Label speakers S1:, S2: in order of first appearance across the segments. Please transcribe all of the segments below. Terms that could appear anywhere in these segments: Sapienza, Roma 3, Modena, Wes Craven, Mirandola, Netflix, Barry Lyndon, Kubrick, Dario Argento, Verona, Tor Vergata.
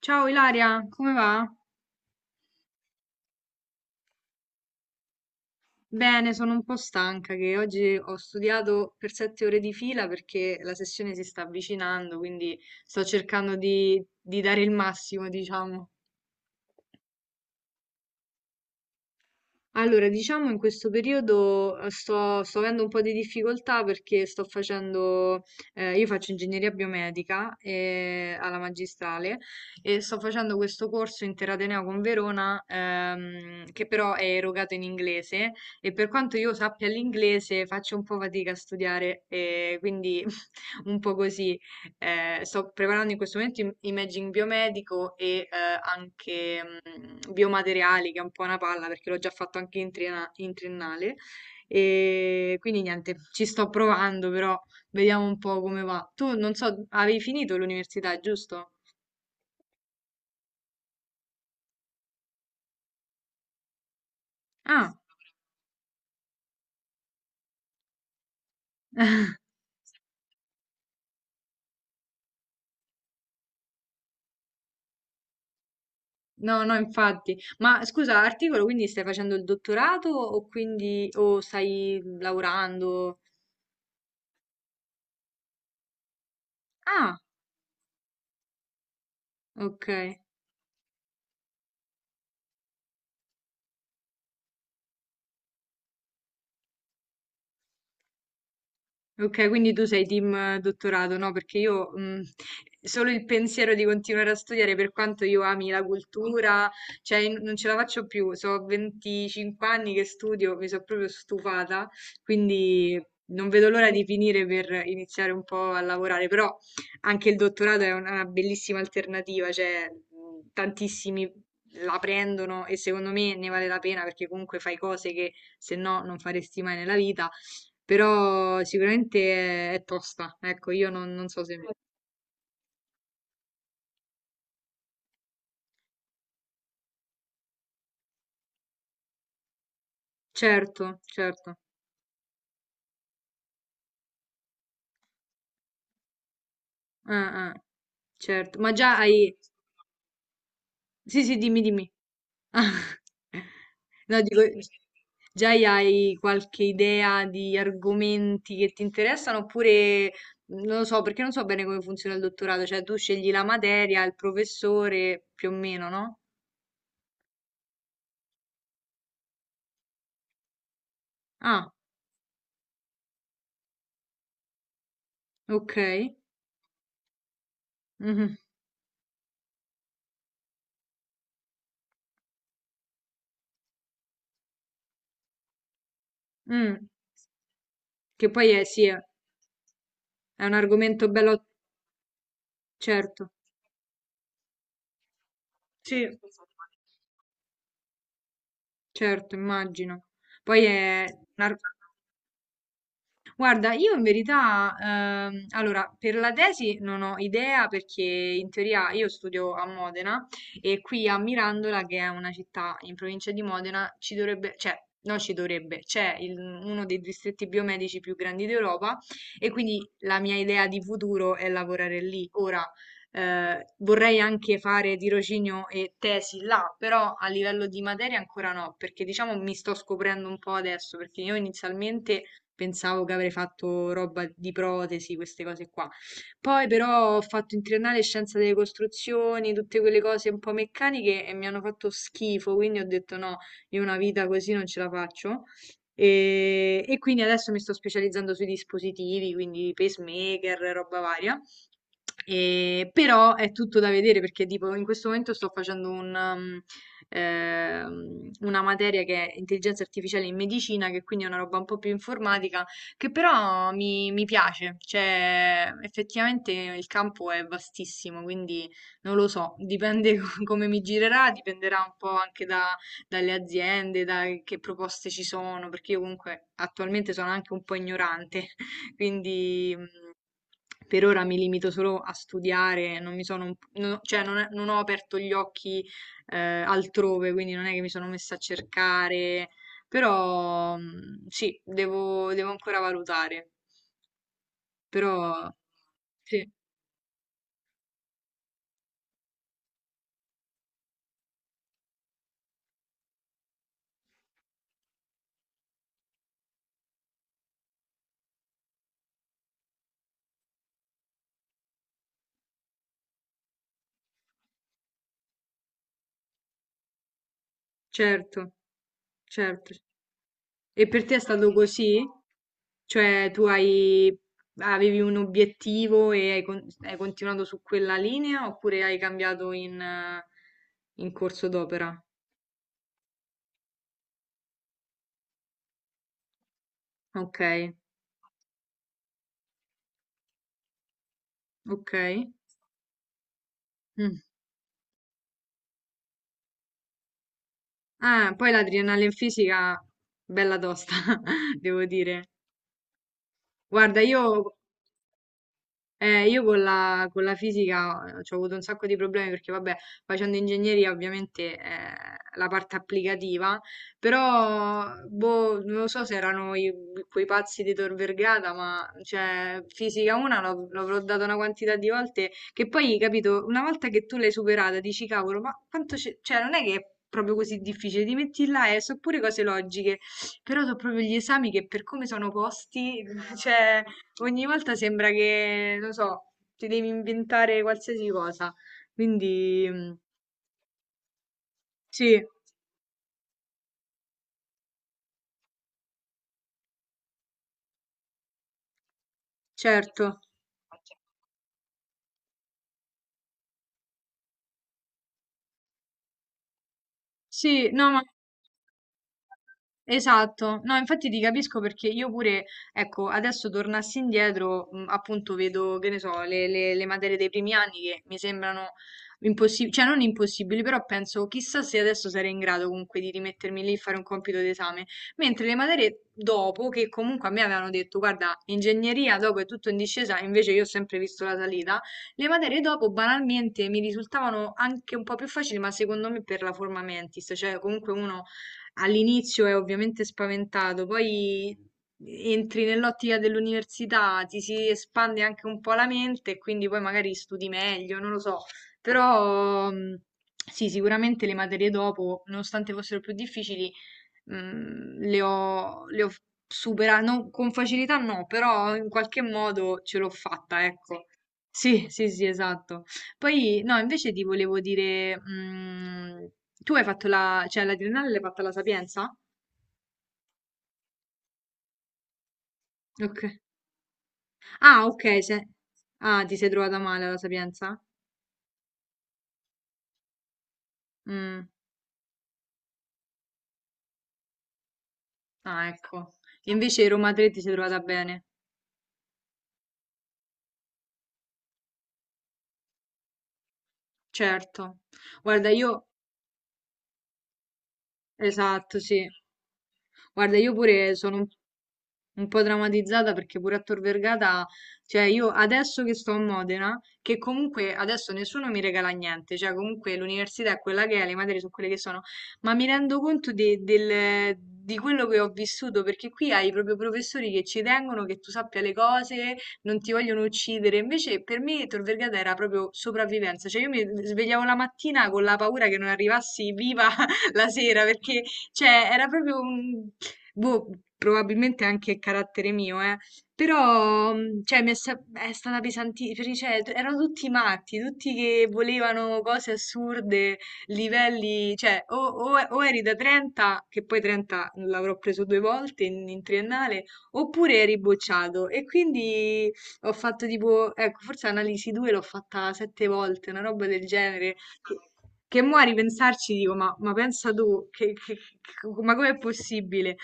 S1: Ciao Ilaria, come va? Bene, sono un po' stanca che oggi ho studiato per 7 ore di fila perché la sessione si sta avvicinando, quindi sto cercando di dare il massimo, diciamo. Allora, diciamo in questo periodo sto avendo un po' di difficoltà perché io faccio ingegneria biomedica alla magistrale e sto facendo questo corso interateneo con Verona che però è erogato in inglese e per quanto io sappia l'inglese faccio un po' fatica a studiare, quindi un po' così. Sto preparando in questo momento imaging biomedico e anche biomateriali, che è un po' una palla perché l'ho già fatto anche in triennale. E quindi niente, ci sto provando, però vediamo un po' come va. Tu non so, avevi finito l'università, giusto? Ah, no, no, infatti. Ma scusa, articolo, quindi stai facendo il dottorato o stai lavorando? Ah, ok. Ok, quindi tu sei team dottorato, no? Perché io solo il pensiero di continuare a studiare, per quanto io ami la cultura, cioè non ce la faccio più. So 25 anni che studio, mi sono proprio stufata, quindi non vedo l'ora di finire per iniziare un po' a lavorare. Però anche il dottorato è una bellissima alternativa, cioè tantissimi la prendono e secondo me ne vale la pena perché comunque fai cose che se no non faresti mai nella vita, però sicuramente è tosta. Ecco, io non so se... Certo, certo. Ah, ah, certo. Ma già hai... Sì, sì, dimmi, dimmi. No, dico, già hai qualche idea di argomenti che ti interessano, oppure non lo so, perché non so bene come funziona il dottorato, cioè tu scegli la materia, il professore, più o meno, no? Ah, ok. Mhm. Mm. Che poi è, sì, è un argomento bello, certo. Sì. Certo, immagino. Poi è un ar- Guarda, io in verità, allora, per la tesi non ho idea, perché in teoria io studio a Modena e qui a Mirandola, che è una città in provincia di Modena, ci dovrebbe, cioè, no, ci dovrebbe, uno dei distretti biomedici più grandi d'Europa, e quindi la mia idea di futuro è lavorare lì. Ora, vorrei anche fare tirocinio e tesi là, però a livello di materia ancora no, perché diciamo mi sto scoprendo un po' adesso, perché io inizialmente pensavo che avrei fatto roba di protesi, queste cose qua. Poi però ho fatto in triennale scienza delle costruzioni, tutte quelle cose un po' meccaniche, e mi hanno fatto schifo, quindi ho detto no, io una vita così non ce la faccio. E quindi adesso mi sto specializzando sui dispositivi, quindi pacemaker, roba varia. Però è tutto da vedere perché tipo in questo momento sto facendo una materia che è intelligenza artificiale in medicina, che quindi è una roba un po' più informatica, che però mi piace, cioè effettivamente il campo è vastissimo, quindi non lo so, dipende come mi girerà, dipenderà un po' anche dalle aziende, da che proposte ci sono, perché io comunque attualmente sono anche un po' ignorante. Quindi per ora mi limito solo a studiare, non mi sono, un- non ho- cioè non ho aperto gli occhi altrove, quindi non è che mi sono messa a cercare, però sì, devo ancora valutare. Però sì, certo, certo. E per te è stato così? Cioè tu avevi un obiettivo e hai continuato su quella linea, oppure hai cambiato in corso d'opera? Okay, okay. Mh. Ah, poi l'adrenalina fisica bella tosta, devo dire. Guarda, io con la fisica ci ho avuto un sacco di problemi perché, vabbè, facendo ingegneria ovviamente, la parte applicativa, però, boh, non lo so se erano quei pazzi di Tor Vergata, ma cioè, fisica 1 l'avrò data una quantità di volte che poi, capito, una volta che tu l'hai superata dici, cavolo, ma quanto c'è, cioè non è che è proprio così difficile, ti metti là e so pure cose logiche, però so proprio gli esami, che per come sono posti, cioè ogni volta sembra che, non so, ti devi inventare qualsiasi cosa. Quindi mm, sì, certo. Sì, no, ma esatto, no, infatti ti capisco, perché io pure, ecco, adesso tornassi indietro, appunto vedo, che ne so, le materie dei primi anni che mi sembrano impossibili, cioè non impossibili, però penso chissà se adesso sarei in grado comunque di rimettermi lì e fare un compito d'esame, mentre le materie dopo, che comunque a me avevano detto, guarda, ingegneria dopo è tutto in discesa, invece io ho sempre visto la salita, le materie dopo banalmente mi risultavano anche un po' più facili, ma secondo me per la forma mentis, cioè comunque uno all'inizio è ovviamente spaventato, poi entri nell'ottica dell'università, ti si espande anche un po' la mente e quindi poi magari studi meglio, non lo so. Però sì, sicuramente le materie dopo, nonostante fossero più difficili, le ho f supera non con facilità no, però in qualche modo ce l'ho fatta, ecco. Sì, sì, sì, esatto. Poi no, invece ti volevo dire, tu hai fatto la, cioè, la triennale l'hai fatta alla Sapienza? Okay. Ah, okay, se ah, ti sei trovata male alla Sapienza? Mh, ah, ecco. Invece Roma 3 ti sei trovata bene. Certo. Guarda, io, esatto, sì. Guarda, io pure sono un po' drammatizzata perché pure a Tor Vergata, cioè io adesso che sto a Modena, che comunque adesso nessuno mi regala niente, cioè comunque l'università è quella che è, le materie sono quelle che sono, ma mi rendo conto di quello che ho vissuto, perché qui hai proprio professori che ci tengono, che tu sappia le cose, non ti vogliono uccidere. Invece per me Tor Vergata era proprio sopravvivenza, cioè io mi svegliavo la mattina con la paura che non arrivassi viva la sera, perché cioè era proprio boh, probabilmente anche carattere mio, eh. Però, cioè, è stata pesantissima, cioè, erano tutti matti, tutti che volevano cose assurde, livelli, cioè, o eri da 30, che poi 30 l'avrò preso due volte in triennale, oppure eri bocciato. E quindi ho fatto tipo, ecco, forse analisi 2 l'ho fatta 7 volte, una roba del genere. Che mo' a ripensarci dico, ma pensa tu, ma com'è possibile?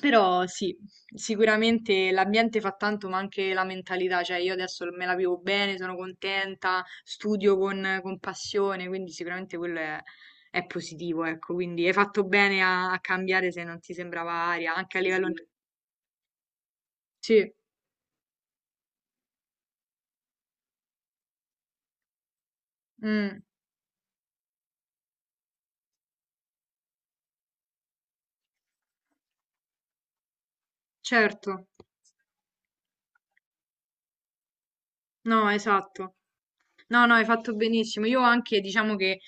S1: Però sì, sicuramente l'ambiente fa tanto, ma anche la mentalità, cioè io adesso me la vivo bene, sono contenta, studio con passione, quindi sicuramente quello è positivo, ecco, quindi hai fatto bene a cambiare se non ti sembrava aria, anche a livello... Sì, mm, certo. No, esatto. No, no, hai fatto benissimo. Io anche, diciamo che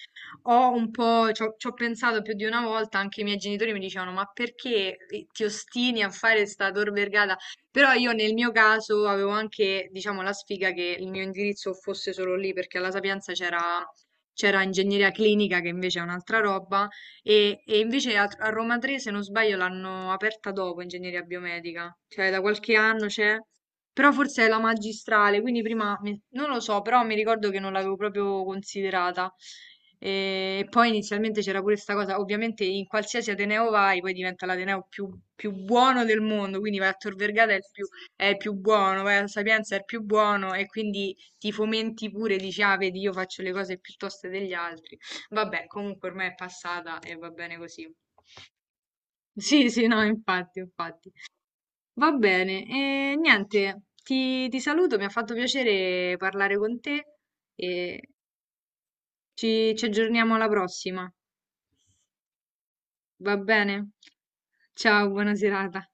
S1: ho un po', ci ho pensato più di una volta, anche i miei genitori mi dicevano, ma perché ti ostini a fare sta Tor Vergata? Però io nel mio caso avevo anche, diciamo, la sfiga che il mio indirizzo fosse solo lì, perché alla Sapienza c'era ingegneria clinica, che invece è un'altra roba, e invece a Roma 3, se non sbaglio, l'hanno aperta dopo, ingegneria biomedica, cioè da qualche anno c'è, però forse è la magistrale, quindi prima non lo so, però mi ricordo che non l'avevo proprio considerata. E poi inizialmente c'era pure questa cosa, ovviamente in qualsiasi Ateneo vai, poi diventa l'Ateneo più buono del mondo, quindi vai a Tor Vergata è il più buono, vai a Sapienza è il più buono, e quindi ti fomenti pure, dici, ah, vedi, io faccio le cose piuttosto degli altri. Vabbè, comunque ormai è passata e va bene così. Sì, sì, no, infatti, infatti. Va bene, e niente, ti saluto, mi ha fatto piacere parlare con te, e ci aggiorniamo alla prossima. Va bene? Ciao, buona serata.